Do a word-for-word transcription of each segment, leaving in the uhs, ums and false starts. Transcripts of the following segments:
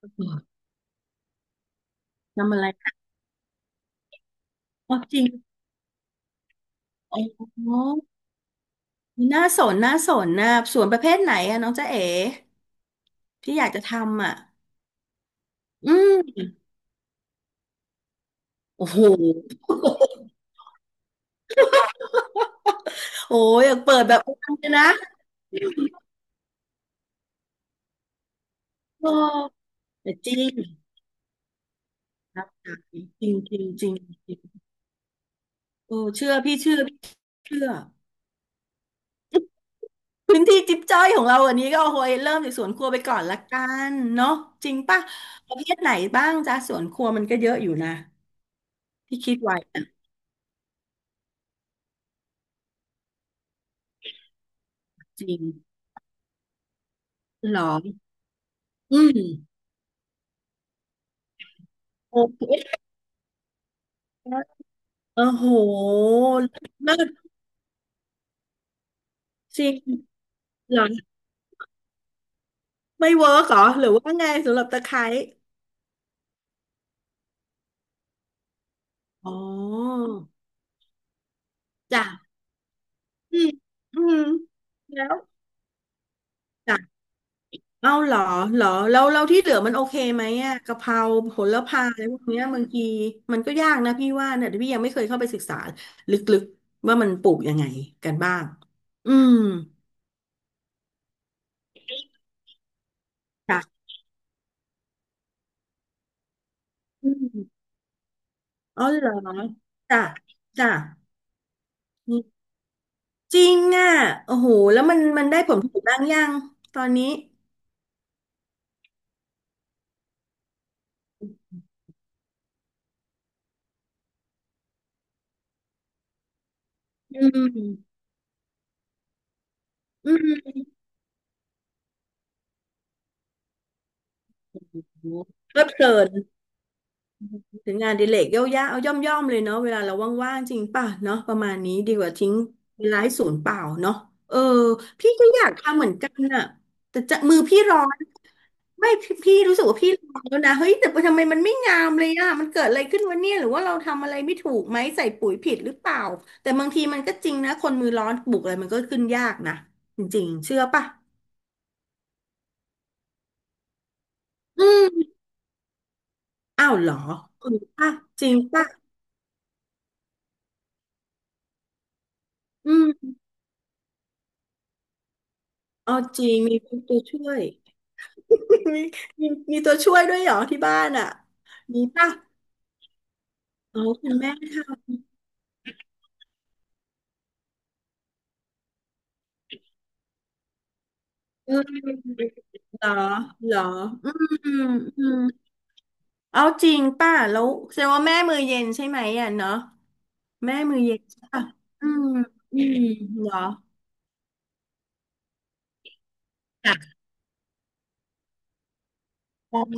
อ๋อทำอะไรอ๋อจริงอ๋อน่าสนน่าสนนะสวนประเภทไหนอะน้องจ๊ะเอ๋ที่อยากจะทำอะอืมโอ้โห โอ้ยอยากเปิดแบบอลังเลยนะโอ้แต่จริงครับจริงจริงจริงจริงเออเชื่อพี่เชื่อพี่เชื่อพื้นที่จิ๊บจ้อยของเราอันนี้ก็โอ้ยเริ่มจากสวนครัวไปก่อนละกันเนาะจริงป่ะประเภทไหนบ้างจ้ะสวนครัวมันก็เยอะอยู่นะที่คิดไว้อะจริงเหรออืมโอเค โอ้โหเลิศจริงเหรอไม่เวิร์กเหรอหรือว่าไงสำหรับตะไคร้อ๋อจ้ะอืมอืมแล้วจ้ะเอ้าเหรอเหรอแล้วเราที่เหลือมันโอเคไหมอ่ะกะเพราโหระพาอะไรพวกเนี้ยบางทีมันก็ยากนะพี่ว่าเนี่ยพี่ยังไม่เคยเข้าไปศึกษาลึกๆว่ามันปลูกยังไงกันบ้างอืมจ้ะอืมอ๋อเหรอจ้ะจ้ะ จริงอ่ะโอ้โหแล้วมันมันได้ผลผลิตบ้างยัง ตอนนี้อืมอืมโอ้โหเพลิดเพลินถึงงานอดิเรกย่อยๆเอาย่อมๆเลยเนาะเวลาเราว่างๆจริงป่ะเนาะประมาณนี้ดีกว่าทิ้งเวลาให้ศูนย์เปล่าเนาะเออพี่ก็อยากทำเหมือนกันอ่ะแต่จะมือพี่ร้อน ไม่พี่พี่รู้สึกว่าพี่ลองแล้วนะเฮ้ยแต่ทำไมมันไม่งามเลยอ่ะมันเกิดอะไรขึ้นวะเนี่ยหรือว่าเราทำอะไรไม่ถูกไหมใส่ปุ๋ยผิดหรือเปล่าแต่บางทีมันก็จริงนะคนมือร้อนปลูกอะไรมันก็ขึ้นยากนะจริงๆเชื่อป่ะอืมอ้าวเหรอจริงป่ะจริงป่ะอืมเอาจริงมีตัวช่วย มีมีมีตัวช่วยด้วยเหรอที่บ้านอ่ะมีป่ะอ๋อคุณแม่ทำเออเหรอเหรออืมอืม เอาจริงป่ะแล้วแสดงว่าแม่มือเย็นใช่ไหมอ่ะเนาะแม่มือเย็นใช่ป่ะอืมอืมเหรอค่ะอ๋ออื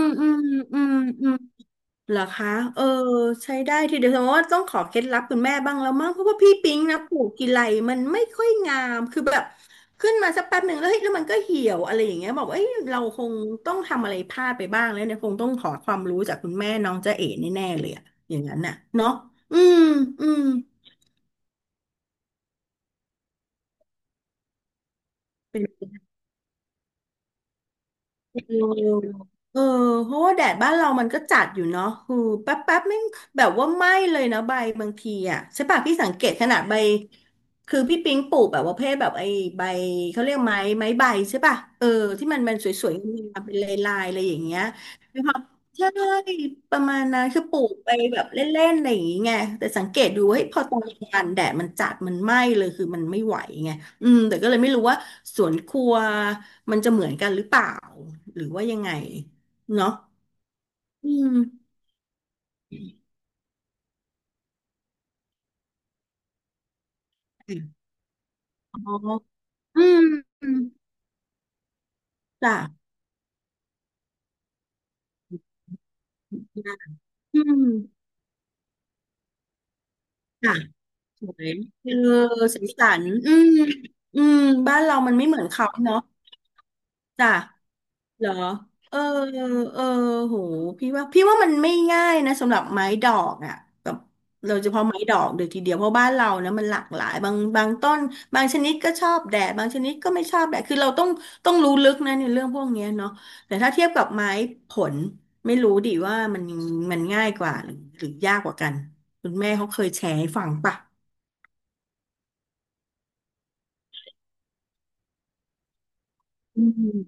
มอืมอืมอืมเหรอคะเออใช้ได้ทีเดียวแสดงว่าต้องขอเคล็ดลับคุณแม่บ้างแล้วมั้งเพราะว่าพี่ปิ๊งนะปลูกกี่ไรมันไม่ค่อยงามคือแบบขึ้นมาสักแป๊บหนึ่งแล้วเฮ้ยแล้วมันก็เหี่ยวอะไรอย่างเงี้ยบอกเอ้ยเราคงต้องทำอะไรพลาดไปบ้างแล้วเนี่ยคงต้องขอความรู้จากคุณแม่น้องจ๊ะเอ๋แน่ๆเลยอะอย่างนั้นน่ะเนาะอืมอืม เออเออเพราะว่าแดดบ้านเรามันก็จัดอยู่เนาะคือแป๊บแป๊บไม่งแบบว่าไหม้เลยนะใบบางทีอ่ะใช่ป่ะพี่สังเกตขนาดใบคือพี่ปิ๊งปลูกแบบว่าเพศแบบไอ้ใบเขาเรียกไม้ไม้ใบใช่ป่ะเออที่มันมันสวยๆงามๆเป็นลายๆอะไรอย่างเงี้ยนะครับใช่ประมาณนั้นคือปลูกไปแบบเล่นๆอะไรอย่างเงี้ยแต่สังเกตดูเฮ้ยพอตอนกลางวันแดดมันจัดมันไหม้เลยคือมันไม่ไหวไงอืมแต่ก็เลยไม่รู้ว่าสวนครัว มันจะเหมือนกันหรือเปล่าหรือว่ายังไงเนาะอืมอ๋ออืมจ้ะอืมจ้ะสวยเออสีสันอืมอืมบ้านเรามันไม่เหมือนเขาเนาะ จ้ะ เหรอ เออ เออโหพี่ว่าพี่ว่ามันไม่ง่ายนะสำหรับไม้ดอกอ่ะแบบเราเฉพาะไม้ดอกเดี๋ยวทีเดียวเพราะบ้านเรานะมันหลากหลายบางบางต้นบางชนิดก็ชอบแดดบางชนิดก็ไม่ชอบแดดคือเราต้องต้องรู้ลึกนะในเรื่องพวกเนี้ยเนาะแต่ถ้าเทียบกับไม้ผลไม่รู้ดิว่ามันมันง่ายกว่าหรือหรือยากกว่ากันคุณแม่เขาเคยแชร์ให้ฟังป่ะอืม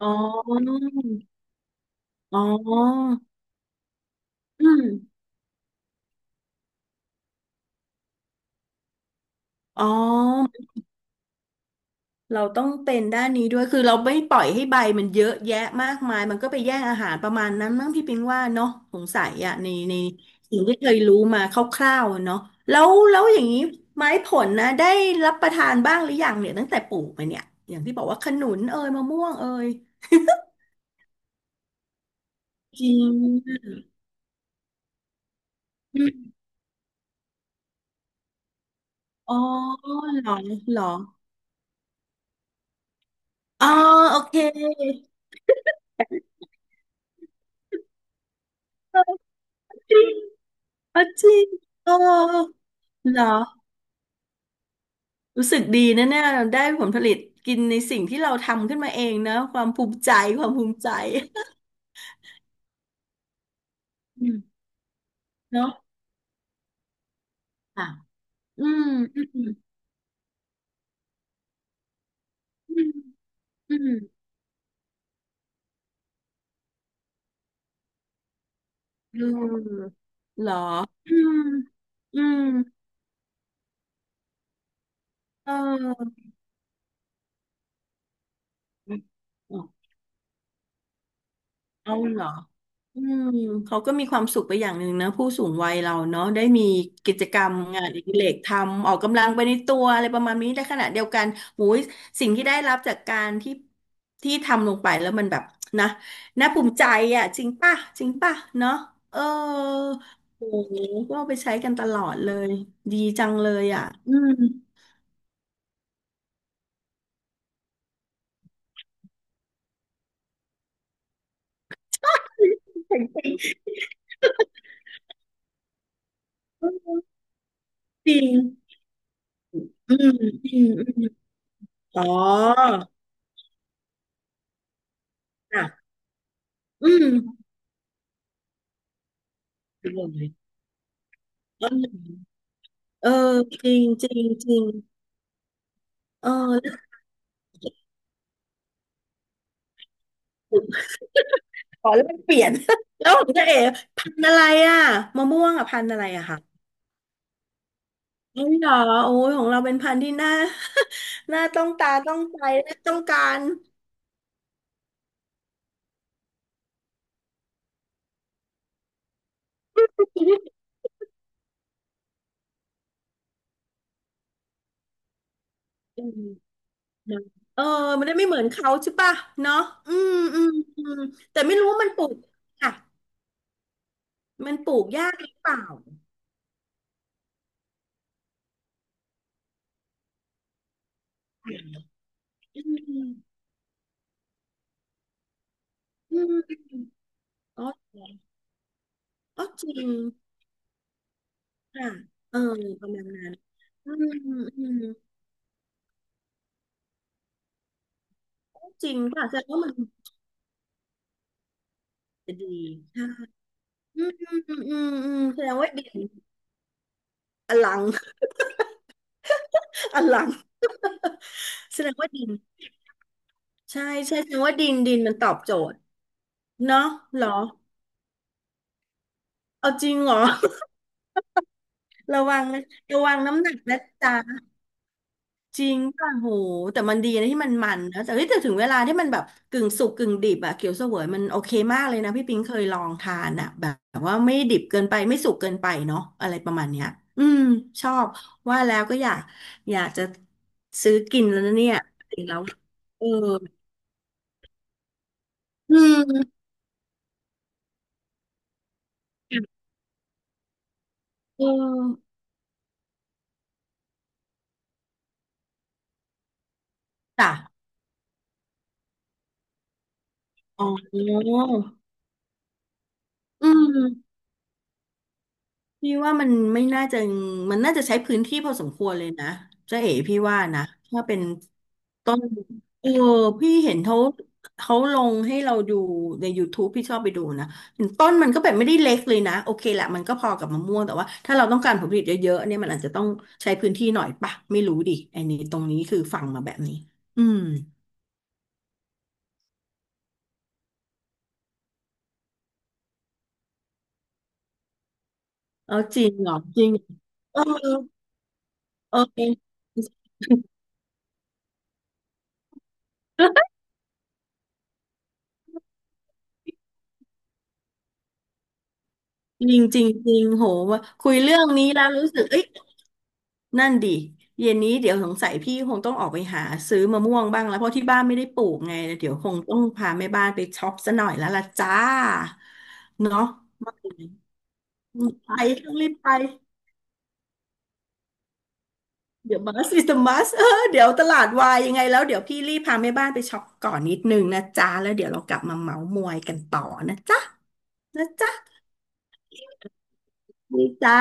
อ๋ออ๋ออืมอ๋อ เราต้องเป็นด้านนี้ด้วย คือเราไม่ปล่อยให้ใบมันเยอะแยะมากมาย มันก็ไปแย่งอาหารประมาณนั้นมั้งพี่ปิงว่าเนาะสงสัยอ่ะในในสิ่งที่เคยรู้มาคร่าวๆอะเนาะแล้วแล้วอย่างนี้ไม้ผลนะได้รับประทานบ้างหรือยังเนี่ยตั้งแต่ปลูกมาเนี่ยอย่างที่บอกว่าขนุนเอยมะม่วงเอยจริงอมอ๋อเหรอเหรออ๋อโอเคจริงอ๋อจริงเอ๋อเหรอ รู้สึกดีนะเนี่ยได้ผลผลิตกินในสิ่งที่เราทำขึ้นมาเองนะความภูมิใจความภูมิใจอืมเนาะค่ะอืมอืมอืมอืมเออเหรออืมอืมเออเอาเหรอ อืมเขาก็มีความสุขไปอย่างหนึ่งนะผู้สูงวัยเราเนาะได้มีกิจกรรมงานอดิเรกทำออกกำลังไปในตัวอะไรประมาณนี้ได้ขณะเดียวกันหูยสิ่งที่ได้รับจากการที่ที่ทำลงไปแล้วมันแบบนะน่าภูมิใจอ่ะจริงป่ะจริงป่ะเนาะเออโอ้โหก็เอาไปใช้กันตลอดเลยดีจังเลยอ่ะอืม จริงอืมอืมอืมอ๋ออ่ะอืมดีเลย เออจริงจริงจริงเออแล้วขอแลกเปลี่ยน แล้วของเจ๊เอ๋พันธุ์อะไรอ่ะมะม่วงอ่ะพันธุ์อะไรอะคะเอ้หรอโอ้ยของเราเป็นพันธุ์ที่น่า น่าต้องตาต้องใจและต้องการ ชีวิตอืมนะเออมันได้ไม่เหมือนเขาใช่ป่ะเนาะอืมอืมอืมแต่ไม่รู้ว่ามันปลูกค่ะมันปลูกยากหรือเปล่าอืมอืมอ๋ออ๋อจริงค่ะเออประมาณนั้นอืมอืม จริงป่ะแสดงว่ามันจะดีใช่อืมอืมอืมอืมอืมแสดงว่าดินอลัง อลังแสดงว่าดินใช่ใช่แสดงว่าดินดินมันตอบโจทย์เนาะเหรอเอาจริงเหรอ ระวังนะระวังน้ำหนักนะจ๊ะ จริงป่ะโหแต่มันดีนะที่มันมันนะแต่เฮ้ยแต่ถึงเวลาที่มันแบบกึ่งสุกกึ่งดิบอะเขียวเสวยมันโอเคมากเลยนะพี่ปิงเคยลองทานอะแบบว่าไม่ดิบเกินไปไม่สุกเกินไปเนาะอะไรประมาณเนี้ยอืมชอบว่าแล้วก็อยากอยากจะซื้อกินแล้วนะเนี่ยจริงแล้วเอออืมเออจ้ะอ๋ออืม พี่ว่ามันไม่น่าจะมันน่าจะใช้พื้นที่พอสมควรเลยนะเจ๊เอ๋พี่ว่านะถ้าเป็นต้นเออพี่เห็นเขาเขาลงให้เราดูใน ยูทูบ พี่ชอบไปดูนะเห็นต้นมันก็แบบไม่ได้เล็กเลยนะโอเคแหละมันก็พอกับมะม่วงแต่ว่าถ้าเราต้องการผลผลิตเยอะๆเนี่ยมันอาจจะต้องใช้พื้นที่หน่อยปะไม่รู้ดิไอ้นี่ตรงนี้คือฟังมาแบบนี้อืมเออจริงเหรอจริงเออเออ จริงจริงจริงโหว่าคุยเรื่องนี้แล้วรู้สึกเอ้ย นั่นดิเย็นนี้เดี๋ยวสงสัยพี่คงต้องออกไปหาซื้อมะม่วงบ้างแล้วเพราะที่บ้านไม่ได้ปลูกไงเดี๋ยวคงต้องพาแม่บ้านไปช็อปซะหน่อยแล้วล่ะจ้าเนาะว่าไงอืมไปต้องรีบไปเดี๋ยวบัสอิสมัสเออเดี๋ยวตลาดวายยังไงแล้วเดี๋ยวพี่รีบพาแม่บ้านไปช็อปก่อนนิดนึงนะจ้าแล้วเดี๋ยวเรากลับมาเมาท์มอยกันต่อนะจ๊ะนะจ๊ะดีจ้า